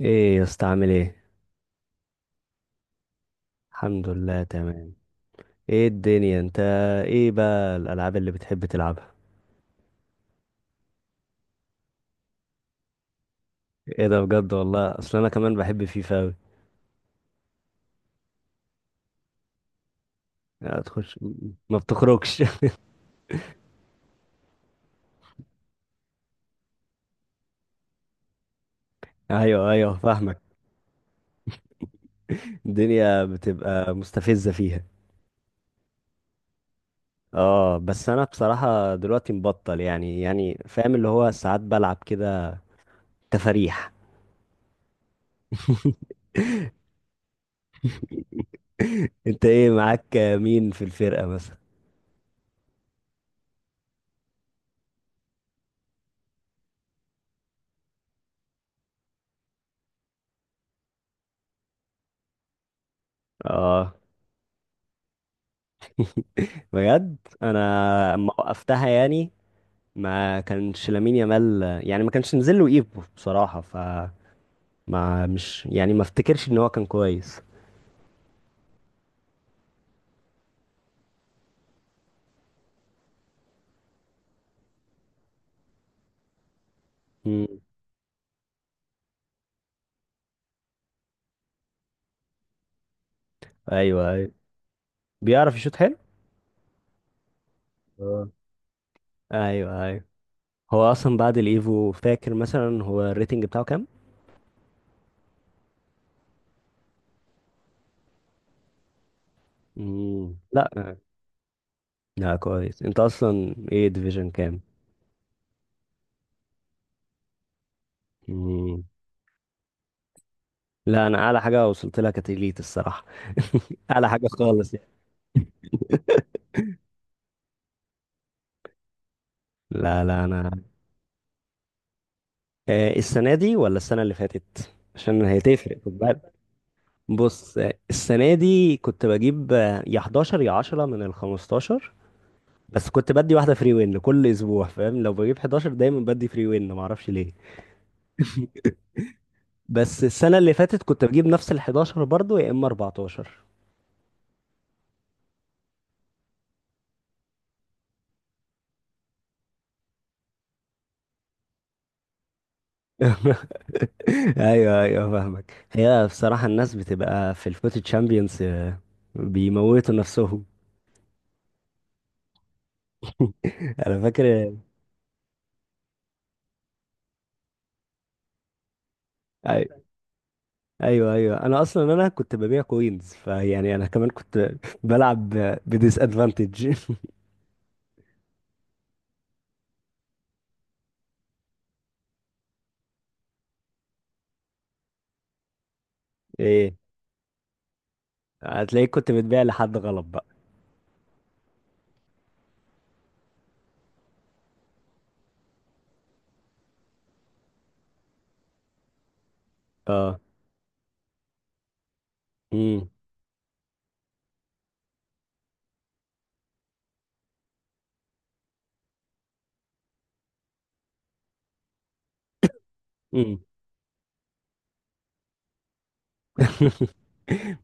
ايه يا اسطى، عامل ايه؟ الحمد لله، تمام. ايه الدنيا انت؟ ايه بقى الالعاب اللي بتحب تلعبها؟ ايه ده؟ بجد والله، اصل انا كمان بحب فيفا اوي. لا تخش، ما بتخرجش. ايوه ايوه، فاهمك. الدنيا بتبقى مستفزة فيها. اه، بس انا بصراحة دلوقتي مبطل. يعني فاهم اللي هو، ساعات بلعب كده. تفاريح. انت ايه، معاك مين في الفرقة مثلا؟ اه، بجد. انا اما وقفتها يعني، ما كانش لامين يامال، يعني ما كانش نزل له ايفو بصراحة. ف ما مش يعني ما افتكرش ان هو كان كويس. مم. ايوه ايوه، بيعرف يشوط حلو. آه. ايوه ايوه. هو اصلا بعد الايفو، فاكر مثلا هو الريتنج بتاعه كام؟ مم. لا، لا كويس. انت اصلا ايه ديفيجن كام؟ مم. لا، انا اعلى حاجة وصلت لها كانت elite الصراحة. اعلى حاجة خالص يعني. لا لا انا، السنة دي ولا السنة اللي فاتت، عشان هي تفرق؟ بص، السنة دي كنت بجيب يا 11 يا 10 من ال 15. بس كنت بدي واحدة فري وين كل أسبوع، فاهم؟ لو بجيب 11 دايما بدي فري وين، معرفش ليه. بس السنة اللي فاتت كنت بجيب نفس ال 11 برضه، يا إما 14. أيوه أيوه، فاهمك. هي بصراحة الناس بتبقى في الفوت تشامبيونز بيموتوا نفسهم. أنا فاكر. أي- ايوه ايوه، انا اصلا كنت ببيع كوينز. فيعني انا كمان كنت بلعب بديس ادفانتج. ايه؟ هتلاقيك كنت بتبيع لحد غلط بقى. اه. امم امم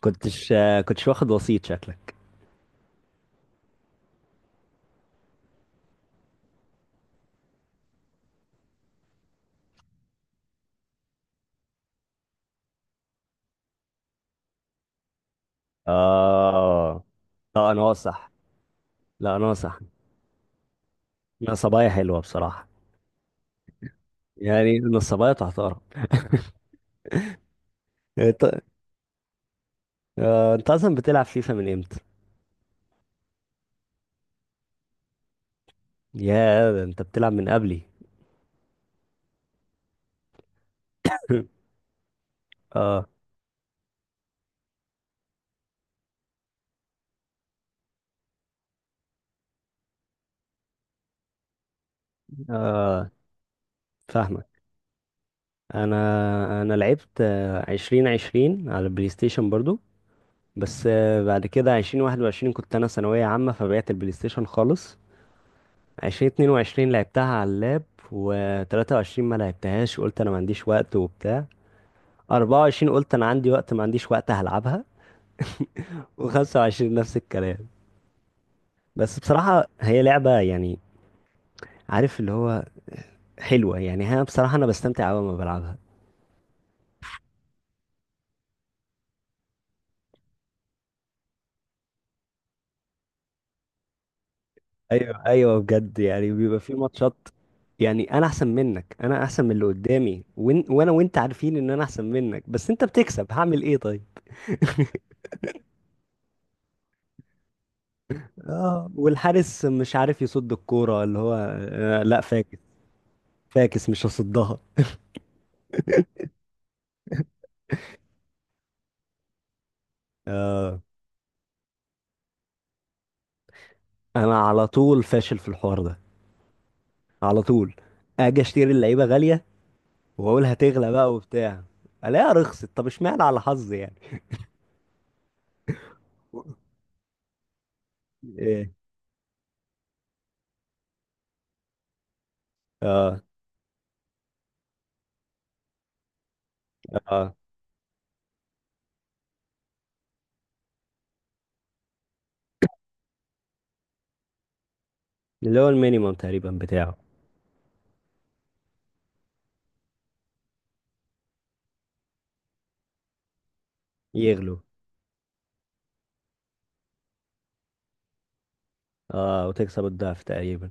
كنتش واخد وسيط شكلك؟ اه، لا انا صح، لا انا صح. نصبايا حلوه بصراحه، يعني نصبايا تحترم. انت انت اصلا بتلعب فيفا من امتى؟ يا ده انت بتلعب من قبلي. اه اه، فاهمك. انا انا لعبت 2020 على البلاي ستيشن برضو. بس، بعد كده 2021 كنت انا ثانوية عامة، فبعت البلاي ستيشن خالص. 2022 لعبتها على اللاب، وتلاتة وعشرين ما لعبتهاش، قلت أنا ما عنديش وقت وبتاع. 24 قلت أنا عندي وقت، ما عنديش وقت هلعبها. وخمسة وعشرين نفس الكلام. بس بصراحة هي لعبة يعني، عارف اللي هو، حلوة يعني. هي بصراحة أنا بستمتع أوي لما بلعبها. أيوة أيوة، بجد، يعني بيبقى في ماتشات. يعني أنا أحسن منك، أنا أحسن من اللي قدامي، وإن وأنا وأنت عارفين إن أنا أحسن منك، بس أنت بتكسب، هعمل إيه طيب؟ اه، والحارس مش عارف يصد الكورة، اللي هو آه، لا فاكس مش هصدها. آه. انا على طول فاشل في الحوار ده. على طول اجي اشتري اللعيبه غاليه، واقول هتغلى بقى وبتاع، الاقيها رخصت. طب اشمعنى على حظي يعني؟ ايه؟ اه اه، اللي هو المينيمم تقريبا بتاعه. يغلو، اه، وتكسب الضعف تقريبا.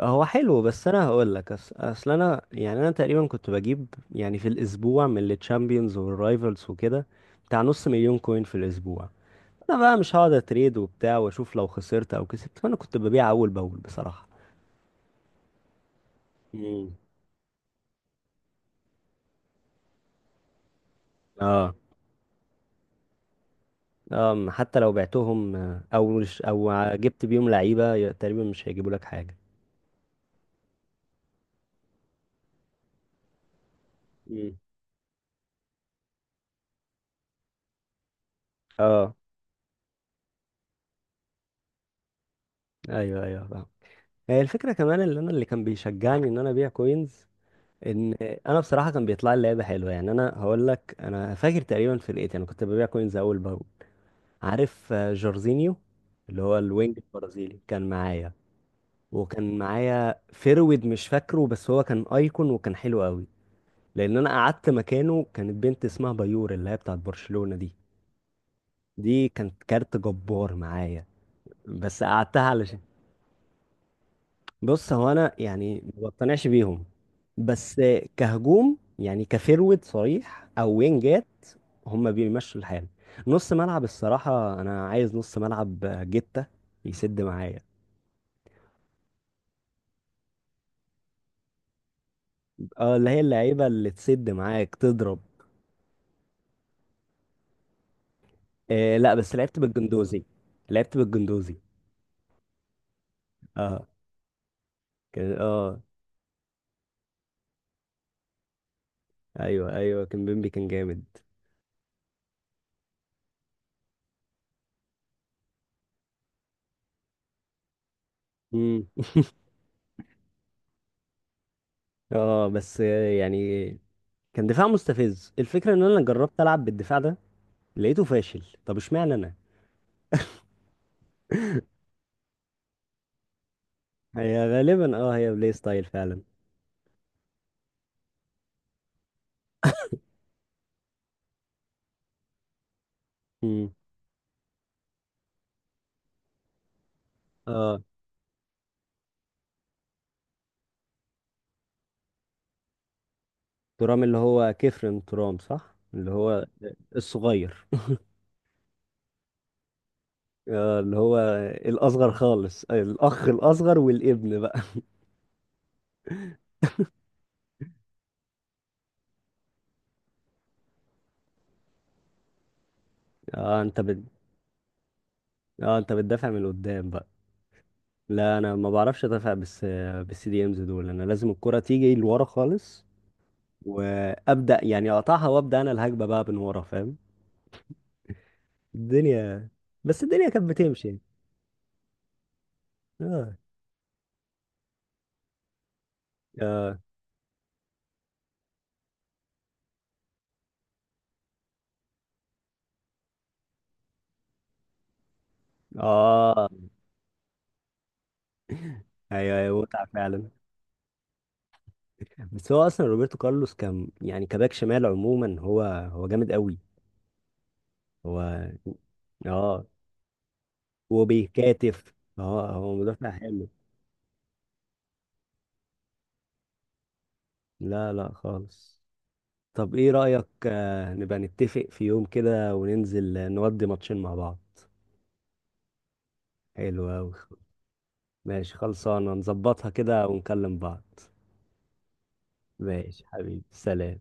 هو حلو، بس انا هقول لك، اصل انا يعني انا تقريبا كنت بجيب يعني في الاسبوع من التشامبيونز والرايفلز وكده بتاع نص مليون كوين في الاسبوع. انا بقى مش هقعد اتريد وبتاع واشوف لو خسرت او كسبت، فانا كنت ببيع اول باول بصراحه. مم. اه اه، حتى لو بعتهم، او مش- او جبت بيهم لعيبه تقريبا مش هيجيبوا لك حاجه. مم. اه، ايوه ايوه، فاهم. هي الفكره كمان اللي انا، اللي كان بيشجعني ان انا ابيع كوينز، ان انا بصراحه كان بيطلع لي لعيبه حلوه. يعني انا هقول لك، انا فاكر تقريبا في الايت انا كنت ببيع كوينز اول باول. عارف جورزينيو؟ اللي هو الوينج البرازيلي كان معايا. وكان معايا فيرويد، مش فاكره بس هو كان ايكون وكان حلو قوي. لان انا قعدت مكانه كانت بنت اسمها بايور، اللي هي بتاعت برشلونة دي. دي كانت كارت جبار معايا. بس قعدتها علشان. بص هو انا يعني ما بقتنعش بيهم، بس كهجوم يعني، كفيرويد صريح او وينجات، هم بيمشوا الحال. نص ملعب الصراحة، انا عايز نص ملعب جتة، يسد معايا. اه، اللي هي اللعيبة اللي تسد معاك تضرب. إيه؟ لا بس لعبت بالجندوزي. لعبت بالجندوزي اه، كان اه، ايوه ايوه، كان بيمبي كان جامد. امم، اه، بس، يعني كان دفاع مستفز. الفكره ان انا جربت العب بالدفاع ده، لقيته فاشل. طب اشمعنى انا؟ هي غالبا هي بلاي ستايل فعلا. امم اه، ترام اللي هو كيفرن ترام صح؟ اللي هو الصغير. آه، اللي هو الاصغر خالص، الاخ الاصغر والابن بقى. اه، اه، انت بتدافع من قدام بقى. لا انا ما بعرفش ادافع، بس بالسي دي امز دول انا لازم الكرة تيجي لورا خالص وابدا يعني اقطعها، وابدا انا الهجمه بقى من ورا، فاهم؟ الدنيا، بس الدنيا كانت بتمشي يعني. اه اه اه، ايوه ايوه، متعه فعلا. بس هو اصلا روبرتو كارلوس كان يعني كباك شمال عموما، هو جامد قوي. هو اه، وبيكاتف، اه هو مدافع حلو. لا لا خالص. طب ايه رأيك، نبقى نتفق في يوم كده وننزل نودي ماتشين مع بعض؟ حلو أوي. ماشي، خلصانة. نظبطها كده ونكلم بعض. ماشي حبيبي، سلام.